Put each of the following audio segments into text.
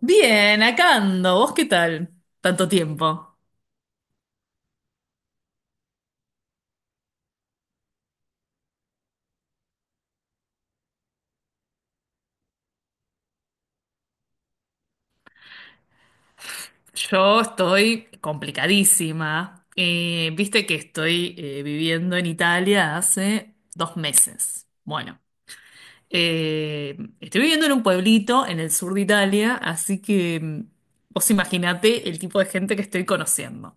Bien, acá ando. ¿Vos qué tal? Tanto tiempo. Yo estoy complicadísima. Viste que estoy viviendo en Italia hace 2 meses. Bueno, estoy viviendo en un pueblito en el sur de Italia, así que vos imaginate el tipo de gente que estoy conociendo.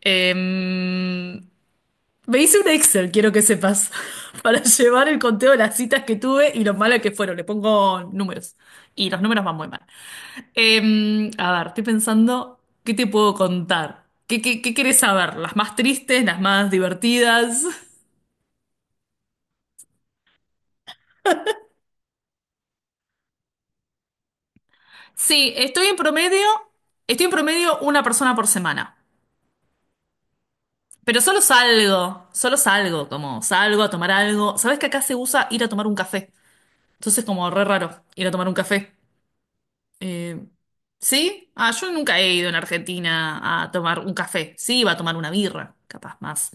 Em, Me hice un Excel, quiero que sepas, para llevar el conteo de las citas que tuve y lo malas que fueron. Le pongo números y los números van muy mal. A ver, estoy pensando, ¿qué te puedo contar? ¿Qué querés saber? ¿Las más tristes, las más divertidas? Sí, estoy en promedio una persona por semana. Pero solo salgo, como salgo a tomar algo. ¿Sabés que acá se usa ir a tomar un café? Entonces como re raro ir a tomar un café. Eh, ¿sí? Ah, yo nunca he ido en Argentina a tomar un café. Sí, iba a tomar una birra, capaz más,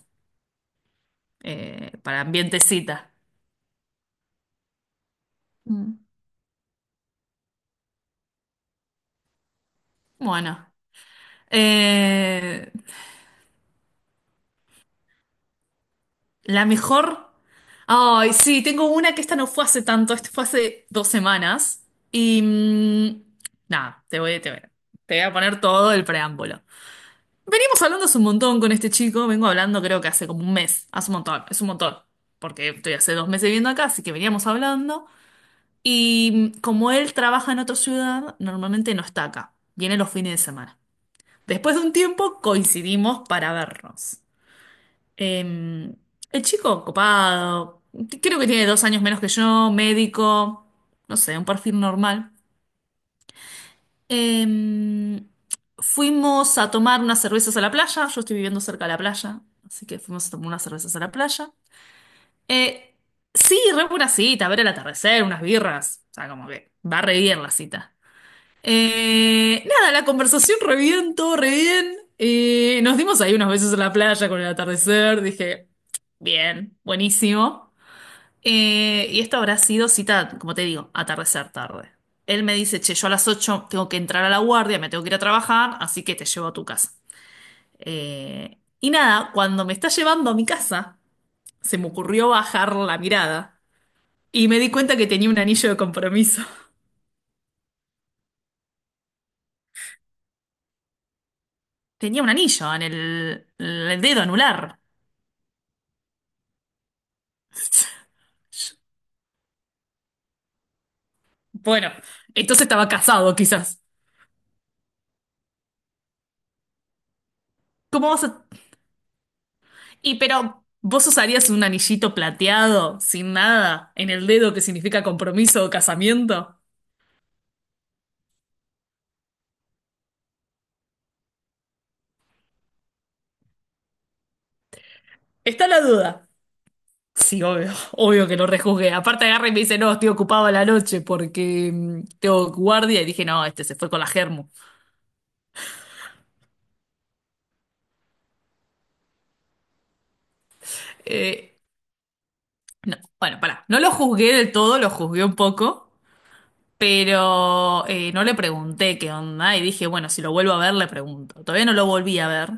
para ambientecita. Mm. Bueno. Eh, la mejor. Ay, sí, tengo una que esta no fue hace tanto, esto fue hace 2 semanas. Y nada, te voy a poner todo el preámbulo. Venimos hablando hace un montón con este chico, vengo hablando creo que hace como un mes, hace un montón, es un montón, porque estoy hace 2 meses viviendo acá, así que veníamos hablando. Y como él trabaja en otra ciudad, normalmente no está acá, viene los fines de semana. Después de un tiempo coincidimos para vernos. Eh, el chico copado, creo que tiene 2 años menos que yo, médico, no sé, un perfil normal. Eh, Fuimos a tomar unas cervezas a la playa, yo estoy viviendo cerca de la playa, así que fuimos a tomar unas cervezas a la playa. Eh, sí, re buena cita, ver el atardecer, unas birras, o sea, como que va re bien la cita. Nada, la conversación re bien, todo re bien. Nos dimos ahí unas veces en la playa con el atardecer. Dije, bien, buenísimo. Y esto habrá sido cita, como te digo, atardecer tarde. Él me dice, che, yo a las 8 tengo que entrar a la guardia, me tengo que ir a trabajar, así que te llevo a tu casa. Y nada, cuando me está llevando a mi casa, se me ocurrió bajar la mirada y me di cuenta que tenía un anillo de compromiso. Tenía un anillo en el dedo anular. Bueno, entonces estaba casado, quizás. ¿Cómo vas a...? Y pero, ¿vos usarías un anillito plateado, sin nada, en el dedo que significa compromiso o casamiento? Está la duda. Sí, obvio, obvio que lo rejuzgué. Aparte agarra y me dice, no, estoy ocupado a la noche porque tengo guardia. Y dije, no, este se fue con la germu. Eh, no, bueno, pará. No lo juzgué del todo, lo juzgué un poco, pero no le pregunté qué onda. Y dije, bueno, si lo vuelvo a ver, le pregunto. Todavía no lo volví a ver.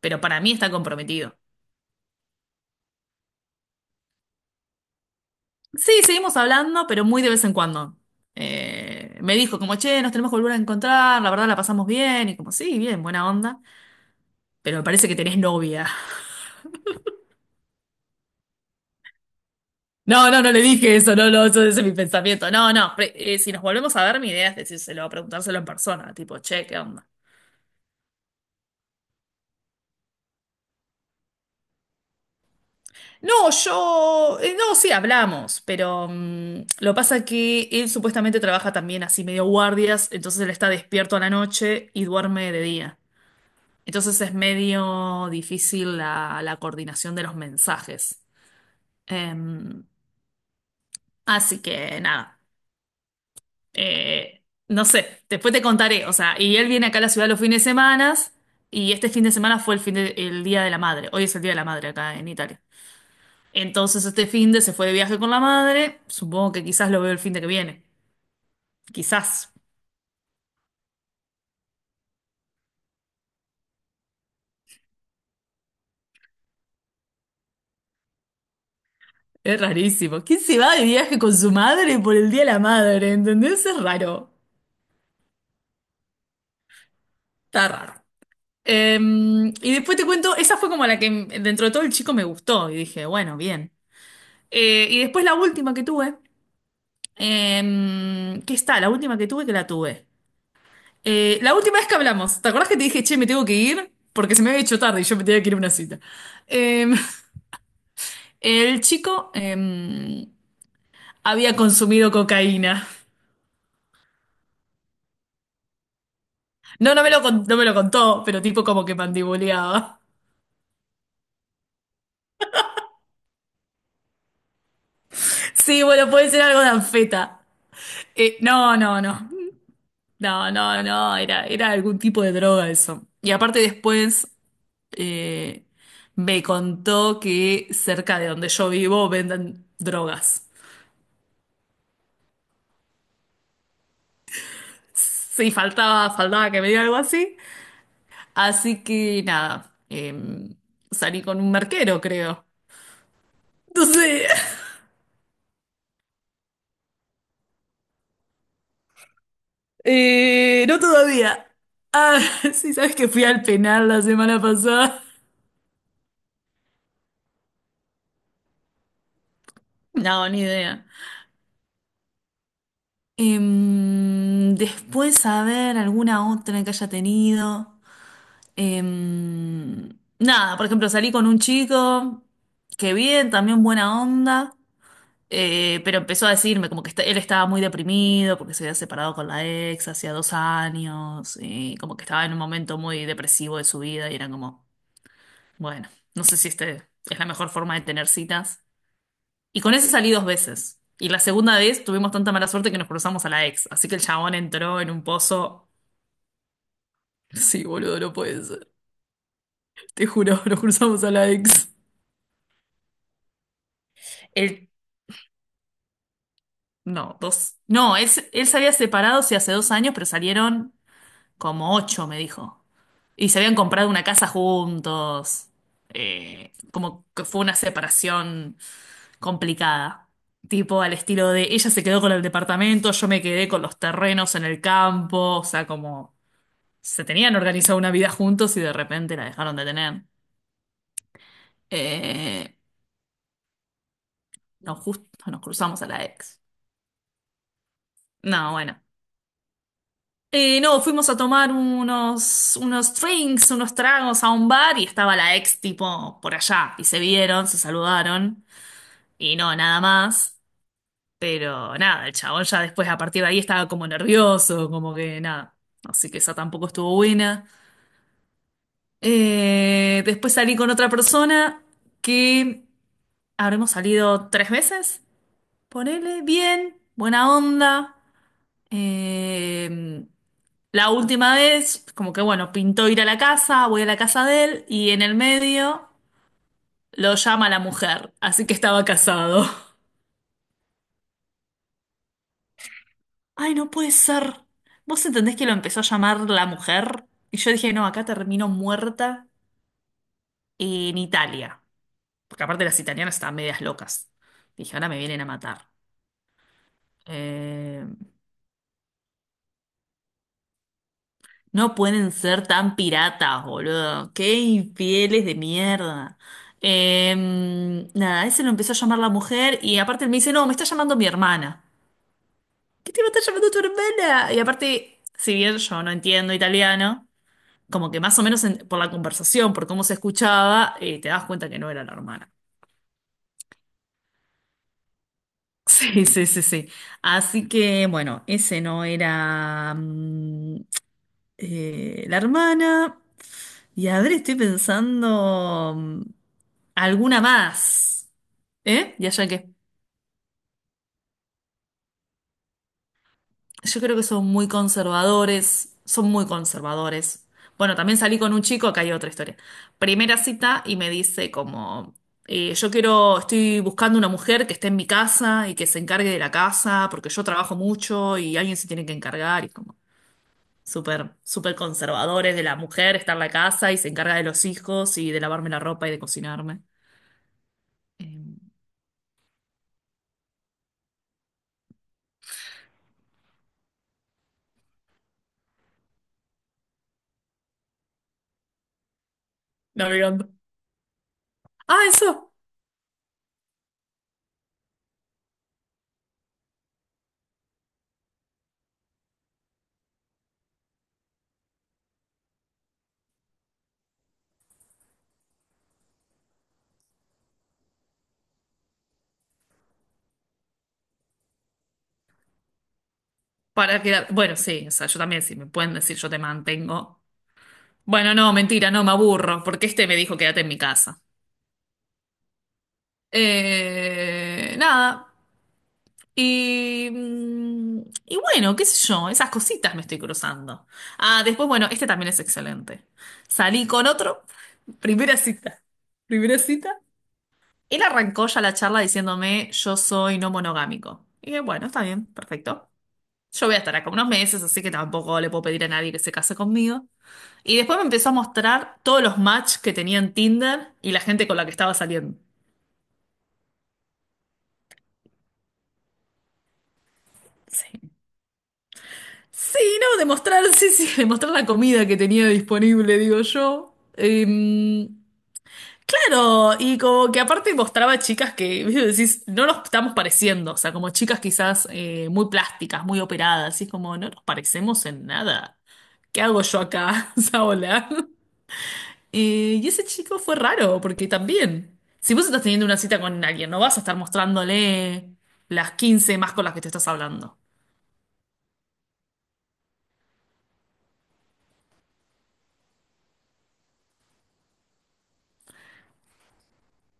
Pero para mí está comprometido. Sí, seguimos hablando, pero muy de vez en cuando. Me dijo como, che, nos tenemos que volver a encontrar, la verdad la pasamos bien, y como, sí, bien, buena onda, pero me parece que tenés novia. No, no, no le dije eso, no, no, eso ese es mi pensamiento. No, no, si nos volvemos a ver, mi idea es decírselo, preguntárselo en persona, tipo, che, ¿qué onda? No, no, sí, hablamos, pero lo pasa que él supuestamente trabaja también así medio guardias, entonces él está despierto a la noche y duerme de día. Entonces es medio difícil la coordinación de los mensajes. Em, Así que nada, no sé, después te contaré. O sea, y él viene acá a la ciudad los fines de semana y este fin de semana fue el Día de la Madre. Hoy es el Día de la Madre acá en Italia. Entonces este fin de se fue de viaje con la madre. Supongo que quizás lo veo el fin de que viene. Quizás. Es rarísimo. ¿Quién se va de viaje con su madre por el Día de la Madre? ¿Entendés? Es raro. Está raro. Eh, y después te cuento, esa fue como la que dentro de todo el chico me gustó y dije, bueno, bien. Y después la última que tuve, ¿qué está? La última que tuve que la tuve. La última vez que hablamos, ¿te acordás que te dije, che, me tengo que ir? Porque se me había hecho tarde y yo me tenía que ir a una cita. Eh, el chico había consumido cocaína. No, no me lo contó, pero tipo como que mandibuleaba. Sí, bueno, puede ser algo de anfeta. No, no, no. No, no, no, era algún tipo de droga eso. Y aparte después eh, me contó que cerca de donde yo vivo venden drogas. Sí, faltaba que me diga algo así. Así que nada, salí con un marquero, creo. Entonces, no todavía. Ah, sí, sabes que fui al penal la semana pasada. No, ni idea. Después, a ver, alguna otra que haya tenido. Em, Nada, por ejemplo, salí con un chico que bien, también buena onda, pero empezó a decirme como que él estaba muy deprimido porque se había separado con la ex hacía 2 años y como que estaba en un momento muy depresivo de su vida y era como, bueno, no sé si este es la mejor forma de tener citas. Y con ese salí dos veces. Y la segunda vez tuvimos tanta mala suerte que nos cruzamos a la ex, así que el chabón entró en un pozo. Sí, boludo, no puede ser. Te juro, nos cruzamos a la ex. El No, dos. No, él se había separado, sí, hace 2 años, pero salieron como ocho, me dijo. Y se habían comprado una casa juntos. Como que fue una separación complicada. Tipo al estilo de ella se quedó con el departamento, yo me quedé con los terrenos en el campo. O sea, como se tenían organizado una vida juntos y de repente la dejaron de tener. Eh, nos Justo nos cruzamos a la ex. No, bueno. No, fuimos a tomar unos drinks, unos tragos a un bar y estaba la ex tipo por allá y se vieron, se saludaron y no, nada más. Pero nada, el chabón ya después a partir de ahí estaba como nervioso, como que nada. Así que esa tampoco estuvo buena. Después salí con otra persona que habremos salido tres veces. Ponele bien, buena onda. Eh, la última vez, como que bueno, pintó ir a la casa, voy a la casa de él y en el medio lo llama la mujer, así que estaba casado. Ay, no puede ser. ¿Vos entendés que lo empezó a llamar la mujer? Y yo dije, no, acá termino muerta en Italia. Porque aparte las italianas estaban medias locas. Dije, ahora me vienen a matar. Eh, No pueden ser tan piratas, boludo. Qué infieles de mierda. Nada, ese lo empezó a llamar la mujer y aparte él me dice, no, me está llamando mi hermana. ¿Qué te va a estar llamando tu hermana? Y aparte, si bien yo no entiendo italiano, como que más o menos por la conversación, por cómo se escuchaba, te das cuenta que no era la hermana. Sí, sí, sí, sí. Así que, bueno, ese no era la hermana. Y a ver, estoy pensando alguna más. ¿Eh? ¿Y allá qué? Yo creo que son muy conservadores. Son muy conservadores. Bueno, también salí con un chico, acá hay otra historia. Primera cita y me dice como, Yo quiero, estoy buscando una mujer que esté en mi casa y que se encargue de la casa, porque yo trabajo mucho y alguien se tiene que encargar. Y es como, súper, súper conservadores de la mujer, está en la casa y se encarga de los hijos y de lavarme la ropa y de cocinarme. Eh, no, mirando. Ah, eso. Para quedar. Bueno, sí, o sea, yo también, si me pueden decir yo te mantengo. Bueno, no, mentira, no, me aburro, porque este me dijo quédate en mi casa. Nada. Y, y bueno, qué sé yo, esas cositas me estoy cruzando. Ah, después, bueno, este también es excelente. Salí con otro, primera cita. Primera cita. Él arrancó ya la charla diciéndome, yo soy no monogámico. Y dije, bueno, está bien, perfecto. Yo voy a estar acá unos meses, así que tampoco le puedo pedir a nadie que se case conmigo. Y después me empezó a mostrar todos los match que tenía en Tinder y la gente con la que estaba saliendo. Sí. Sí, no, demostrar, sí, sí, demostrar la comida que tenía disponible, digo yo. Claro, y como que aparte mostraba chicas que, ¿viste? Decís, no nos estamos pareciendo, o sea, como chicas quizás muy plásticas, muy operadas, y es como, no nos parecemos en nada. ¿Qué hago yo acá? O sea, hola. Y ese chico fue raro, porque también, si vos estás teniendo una cita con alguien, no vas a estar mostrándole las 15 más con las que te estás hablando.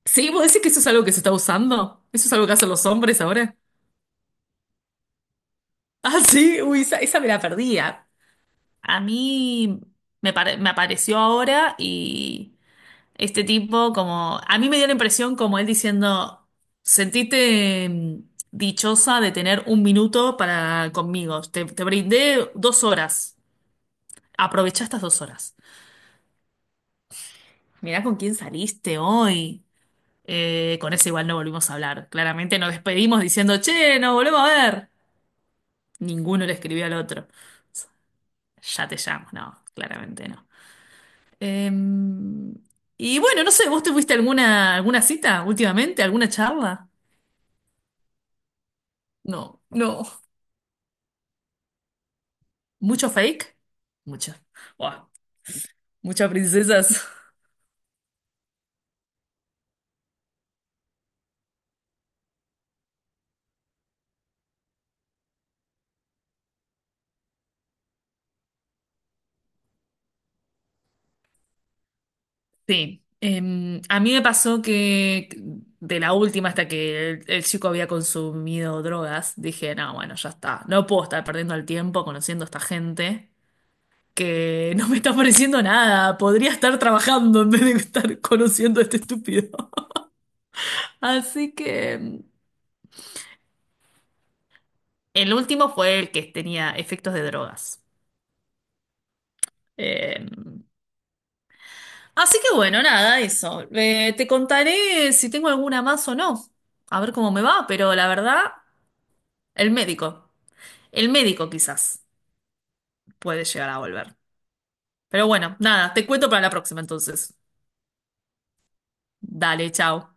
Sí, vos decís que eso es algo que se está usando, eso es algo que hacen los hombres ahora. Ah, sí, uy, esa me la perdía. A mí me apareció ahora y este tipo como... A mí me dio la impresión como él diciendo, sentiste dichosa de tener un minuto para conmigo. Te brindé 2 horas. Aprovechá estas 2 horas. Mirá con quién saliste hoy. Con ese igual no volvimos a hablar. Claramente nos despedimos diciendo, che, nos volvemos a ver. Ninguno le escribió al otro. Ya te llamo. No, claramente no. Em, y bueno, no sé, ¿vos te fuiste a alguna cita últimamente? ¿Alguna charla? No, no. ¿Mucho fake? Mucho. Buah, muchas princesas. Sí. A mí me pasó que de la última hasta que el chico había consumido drogas, dije, no, bueno, ya está. No puedo estar perdiendo el tiempo conociendo a esta gente que no me está ofreciendo nada. Podría estar trabajando en vez de estar conociendo a este estúpido. Así que... El último fue el que tenía efectos de drogas. Eh, Así que bueno, nada, eso. Te contaré si tengo alguna más o no. A ver cómo me va, pero la verdad, el médico. El médico quizás puede llegar a volver. Pero bueno, nada, te cuento para la próxima entonces. Dale, chao.